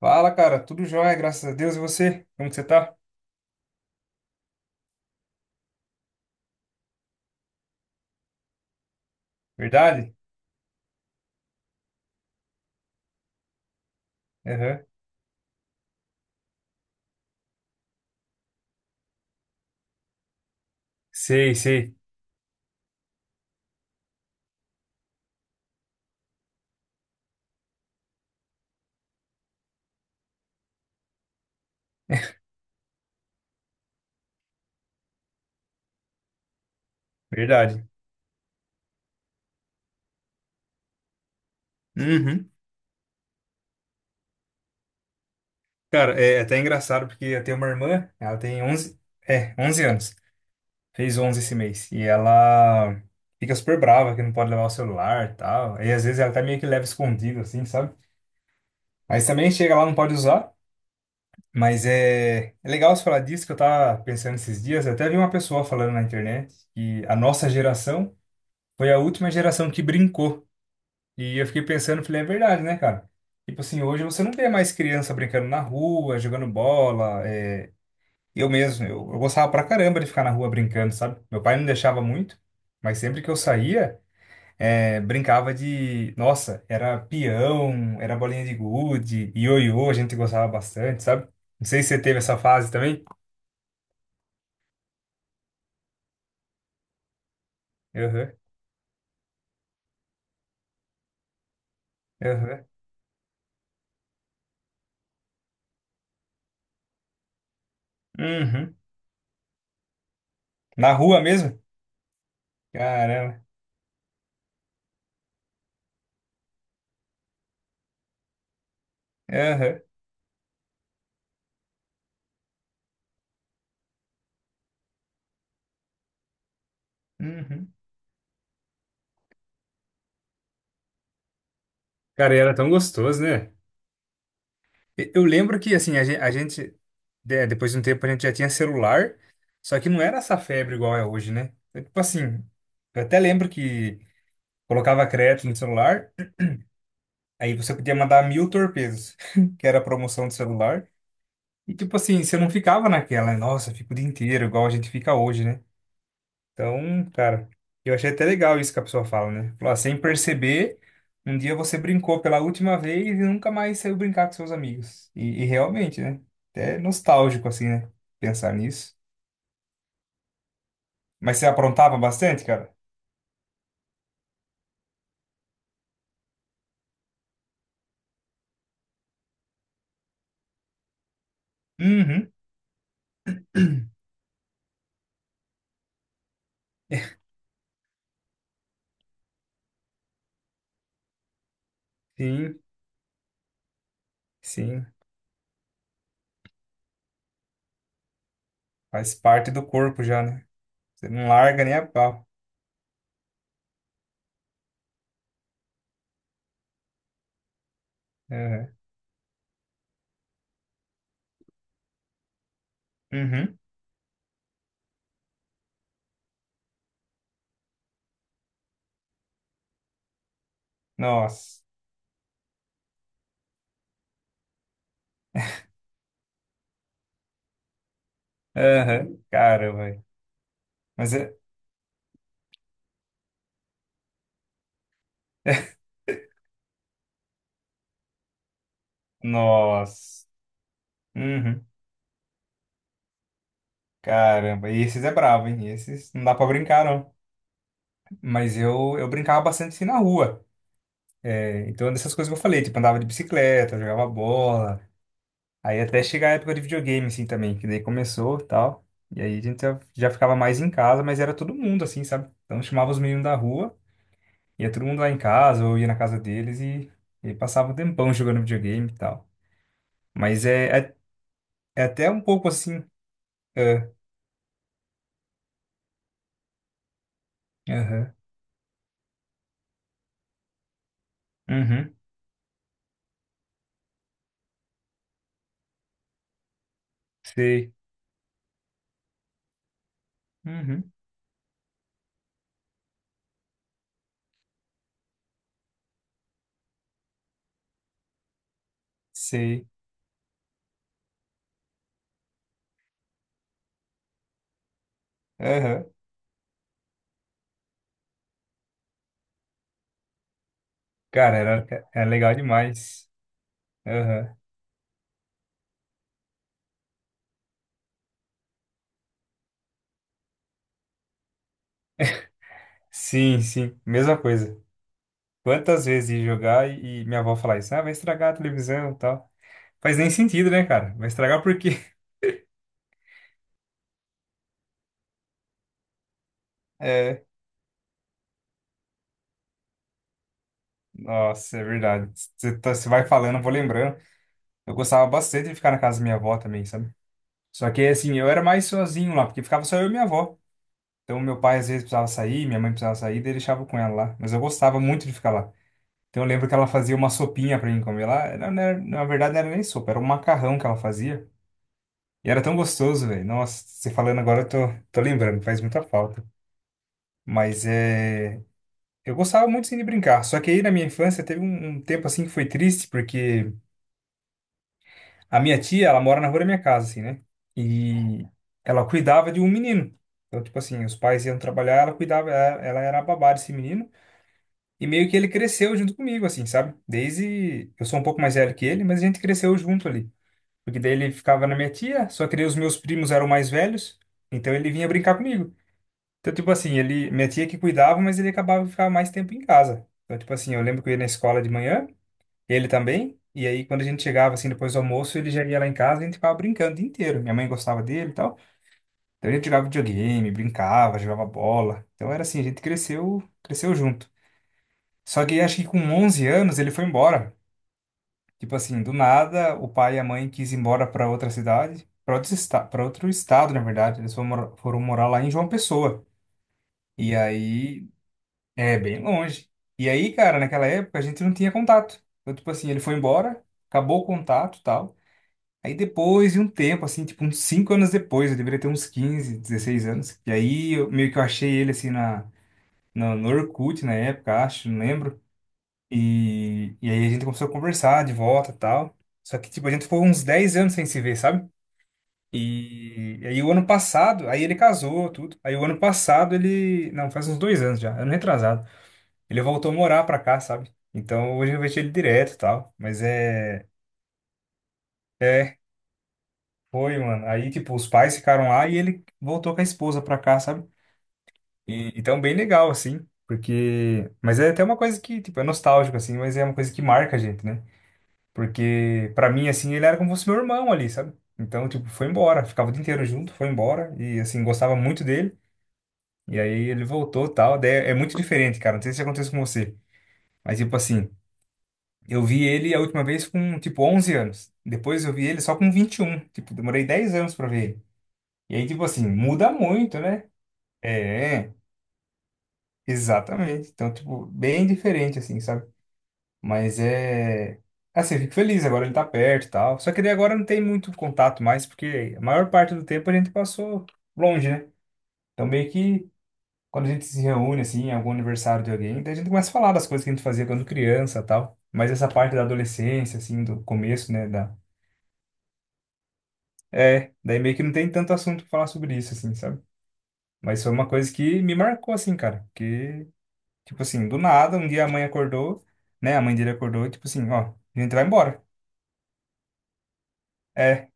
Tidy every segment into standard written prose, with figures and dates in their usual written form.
Fala, cara. Tudo jóia, graças a Deus. E você? Como que você tá? Verdade? Aham. Sei, sei. Verdade. Uhum. Cara, é até engraçado porque eu tenho uma irmã, ela tem onze anos. Fez 11 esse mês. E ela fica super brava que não pode levar o celular e tal. E às vezes ela até meio que leva escondido, assim, sabe? Mas também chega lá, não pode usar. Mas é legal você falar disso que eu tava pensando esses dias. Eu até vi uma pessoa falando na internet que a nossa geração foi a última geração que brincou. E eu fiquei pensando, falei, é verdade, né, cara? Tipo assim, hoje você não vê mais criança brincando na rua, jogando bola. Eu mesmo, eu gostava pra caramba de ficar na rua brincando, sabe? Meu pai não deixava muito, mas sempre que eu saía, brincava de. Nossa, era peão, era bolinha de gude, ioiô, a gente gostava bastante, sabe? Não sei se você teve essa fase também. Aham, aham. Uhum. Na rua mesmo? Caramba. Aham, uhum. Cara, e era tão gostoso, né? Eu lembro que, assim, a gente, depois de um tempo, a gente já tinha celular, só que não era essa febre igual é hoje, né? É. Tipo assim, eu até lembro que colocava crédito no celular, aí você podia mandar mil torpedos, que era a promoção do celular, e tipo assim, você não ficava naquela, nossa, fico o dia inteiro, igual a gente fica hoje, né? Então, cara, eu achei até legal isso que a pessoa fala, né? Falou, ah, sem perceber, um dia você brincou pela última vez e nunca mais saiu brincar com seus amigos. E realmente, né? Até nostálgico, assim, né? Pensar nisso. Mas você aprontava bastante, cara? Uhum. Sim, sim. Faz parte do corpo já, né? Você não larga nem a pau. Uhum. Uhum. Nossa. Uhum. Caramba. Velho. Mas é. Nossa. Uhum. Caramba. E esses é bravo, hein? Esses não dá pra brincar, não. Mas eu brincava bastante assim na rua. É. Então, é dessas coisas que eu falei, tipo, andava de bicicleta, jogava bola. Aí até chegar a época de videogame, assim, também, que daí começou e tal. E aí a gente já ficava mais em casa, mas era todo mundo, assim, sabe? Então chamava os meninos da rua, ia todo mundo lá em casa, ou ia na casa deles e passava um tempão jogando videogame e tal. Mas é é até um pouco assim. É, aham. Uhum. Sei. Uhum. Sei. Aham. Cara, era, era legal demais. Aham. Sim, sim, mesma coisa. Quantas vezes ia jogar e minha avó falar isso? Ah, vai estragar a televisão e tal. Faz nem sentido, né, cara? Vai estragar por quê? É, nossa, é verdade. Você vai falando, eu vou lembrando. Eu gostava bastante de ficar na casa da minha avó também, sabe? Só que, assim, eu era mais sozinho lá, porque ficava só eu e minha avó. Então, meu pai às vezes precisava sair, minha mãe precisava sair, daí eu deixava com ela lá. Mas eu gostava muito de ficar lá. Então, eu lembro que ela fazia uma sopinha pra mim comer lá. Na verdade, não era nem sopa, era um macarrão que ela fazia. E era tão gostoso, velho. Nossa, você falando agora, eu tô lembrando, faz muita falta. Mas é. Eu gostava muito sim de brincar. Só que aí na minha infância teve um tempo assim que foi triste, porque a minha tia, ela mora na rua da minha casa, assim, né? E ela cuidava de um menino. Então, tipo assim, os pais iam trabalhar, ela cuidava, ela era a babá desse menino. E meio que ele cresceu junto comigo, assim, sabe? Desde. Eu sou um pouco mais velho que ele, mas a gente cresceu junto ali. Porque daí ele ficava na minha tia, só que daí os meus primos eram mais velhos. Então ele vinha brincar comigo. Então, tipo assim, ele, minha tia que cuidava, mas ele acabava de ficar mais tempo em casa. Então, tipo assim, eu lembro que eu ia na escola de manhã, ele também, e aí quando a gente chegava, assim, depois do almoço, ele já ia lá em casa e a gente ficava brincando o dia inteiro. Minha mãe gostava dele e tal. Então, a gente jogava videogame, brincava, jogava bola. Então, era assim, a gente cresceu, cresceu junto. Só que acho que com 11 anos ele foi embora. Tipo assim, do nada, o pai e a mãe quis ir embora para outra cidade, para outro estado, na verdade. Eles foram, foram morar lá em João Pessoa. E aí. É bem longe. E aí, cara, naquela época a gente não tinha contato. Então, tipo assim, ele foi embora, acabou o contato e tal. Aí depois de um tempo, assim, tipo uns 5 anos depois, eu deveria ter uns 15, 16 anos. E aí eu, meio que eu achei ele assim no Orkut na época, acho, não lembro. E aí a gente começou a conversar de volta e tal. Só que, tipo, a gente ficou uns 10 anos sem se ver, sabe? E aí o ano passado, aí ele casou, tudo. Aí o ano passado ele. Não, faz uns dois anos já, ano retrasado. Ele voltou a morar pra cá, sabe? Então hoje eu vejo ele direto e tal. Mas é. É, foi, mano. Aí, tipo, os pais ficaram lá e ele voltou com a esposa pra cá, sabe? E, então, bem legal, assim. Porque. Mas é até uma coisa que, tipo, é nostálgico, assim. Mas é uma coisa que marca a gente, né? Porque, pra mim, assim, ele era como se fosse meu irmão ali, sabe? Então, tipo, foi embora. Ficava o dia inteiro junto, foi embora. E, assim, gostava muito dele. E aí ele voltou e tal. Daí é muito diferente, cara. Não sei se acontece com você. Mas, tipo assim. Eu vi ele a última vez com, tipo, 11 anos. Depois eu vi ele só com 21. Tipo, demorei 10 anos pra ver ele. E aí, tipo assim, muda muito, né? É, exatamente. Então, tipo, bem diferente, assim, sabe? Mas é... Assim, eu fico feliz, agora ele tá perto e tal. Só que daí agora não tem muito contato mais, porque a maior parte do tempo a gente passou longe, né? Então, meio que quando a gente se reúne, assim, em algum aniversário de alguém, daí a gente começa a falar das coisas que a gente fazia quando criança e tal. Mas essa parte da adolescência, assim, do começo, né, da. É, daí meio que não tem tanto assunto pra falar sobre isso, assim, sabe? Mas foi uma coisa que me marcou, assim, cara. Que tipo assim, do nada, um dia a mãe acordou, né? A mãe dele acordou, e tipo assim, ó, a gente vai embora. É,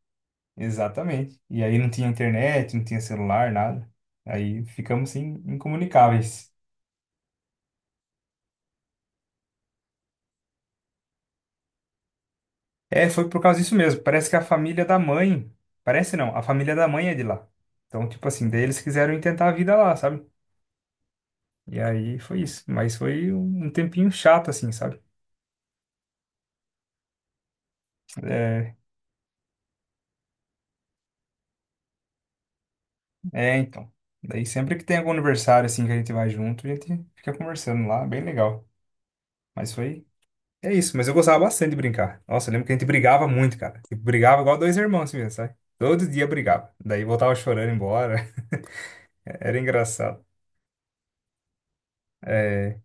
exatamente. E aí não tinha internet, não tinha celular, nada. Aí ficamos, assim, incomunicáveis. É, foi por causa disso mesmo. Parece que a família da mãe. Parece não, a família da mãe é de lá. Então, tipo assim, daí eles quiseram tentar a vida lá, sabe? E aí foi isso. Mas foi um tempinho chato, assim, sabe? É. É, então. Daí sempre que tem algum aniversário assim que a gente vai junto, a gente fica conversando lá, bem legal. Mas foi. É isso, mas eu gostava bastante de brincar. Nossa, eu lembro que a gente brigava muito, cara. Tipo, brigava igual dois irmãos assim mesmo, sabe? Todo dia brigava. Daí voltava chorando embora. Era engraçado. É,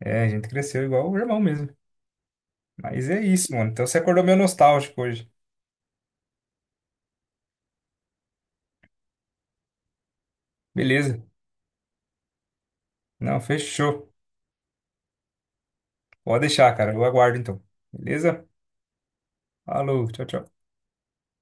é, a gente cresceu igual o irmão mesmo. Mas é isso, mano. Então você acordou meio nostálgico hoje. Beleza. Não, fechou. Pode deixar, cara. Eu aguardo então. Beleza? Falou, tchau, tchau.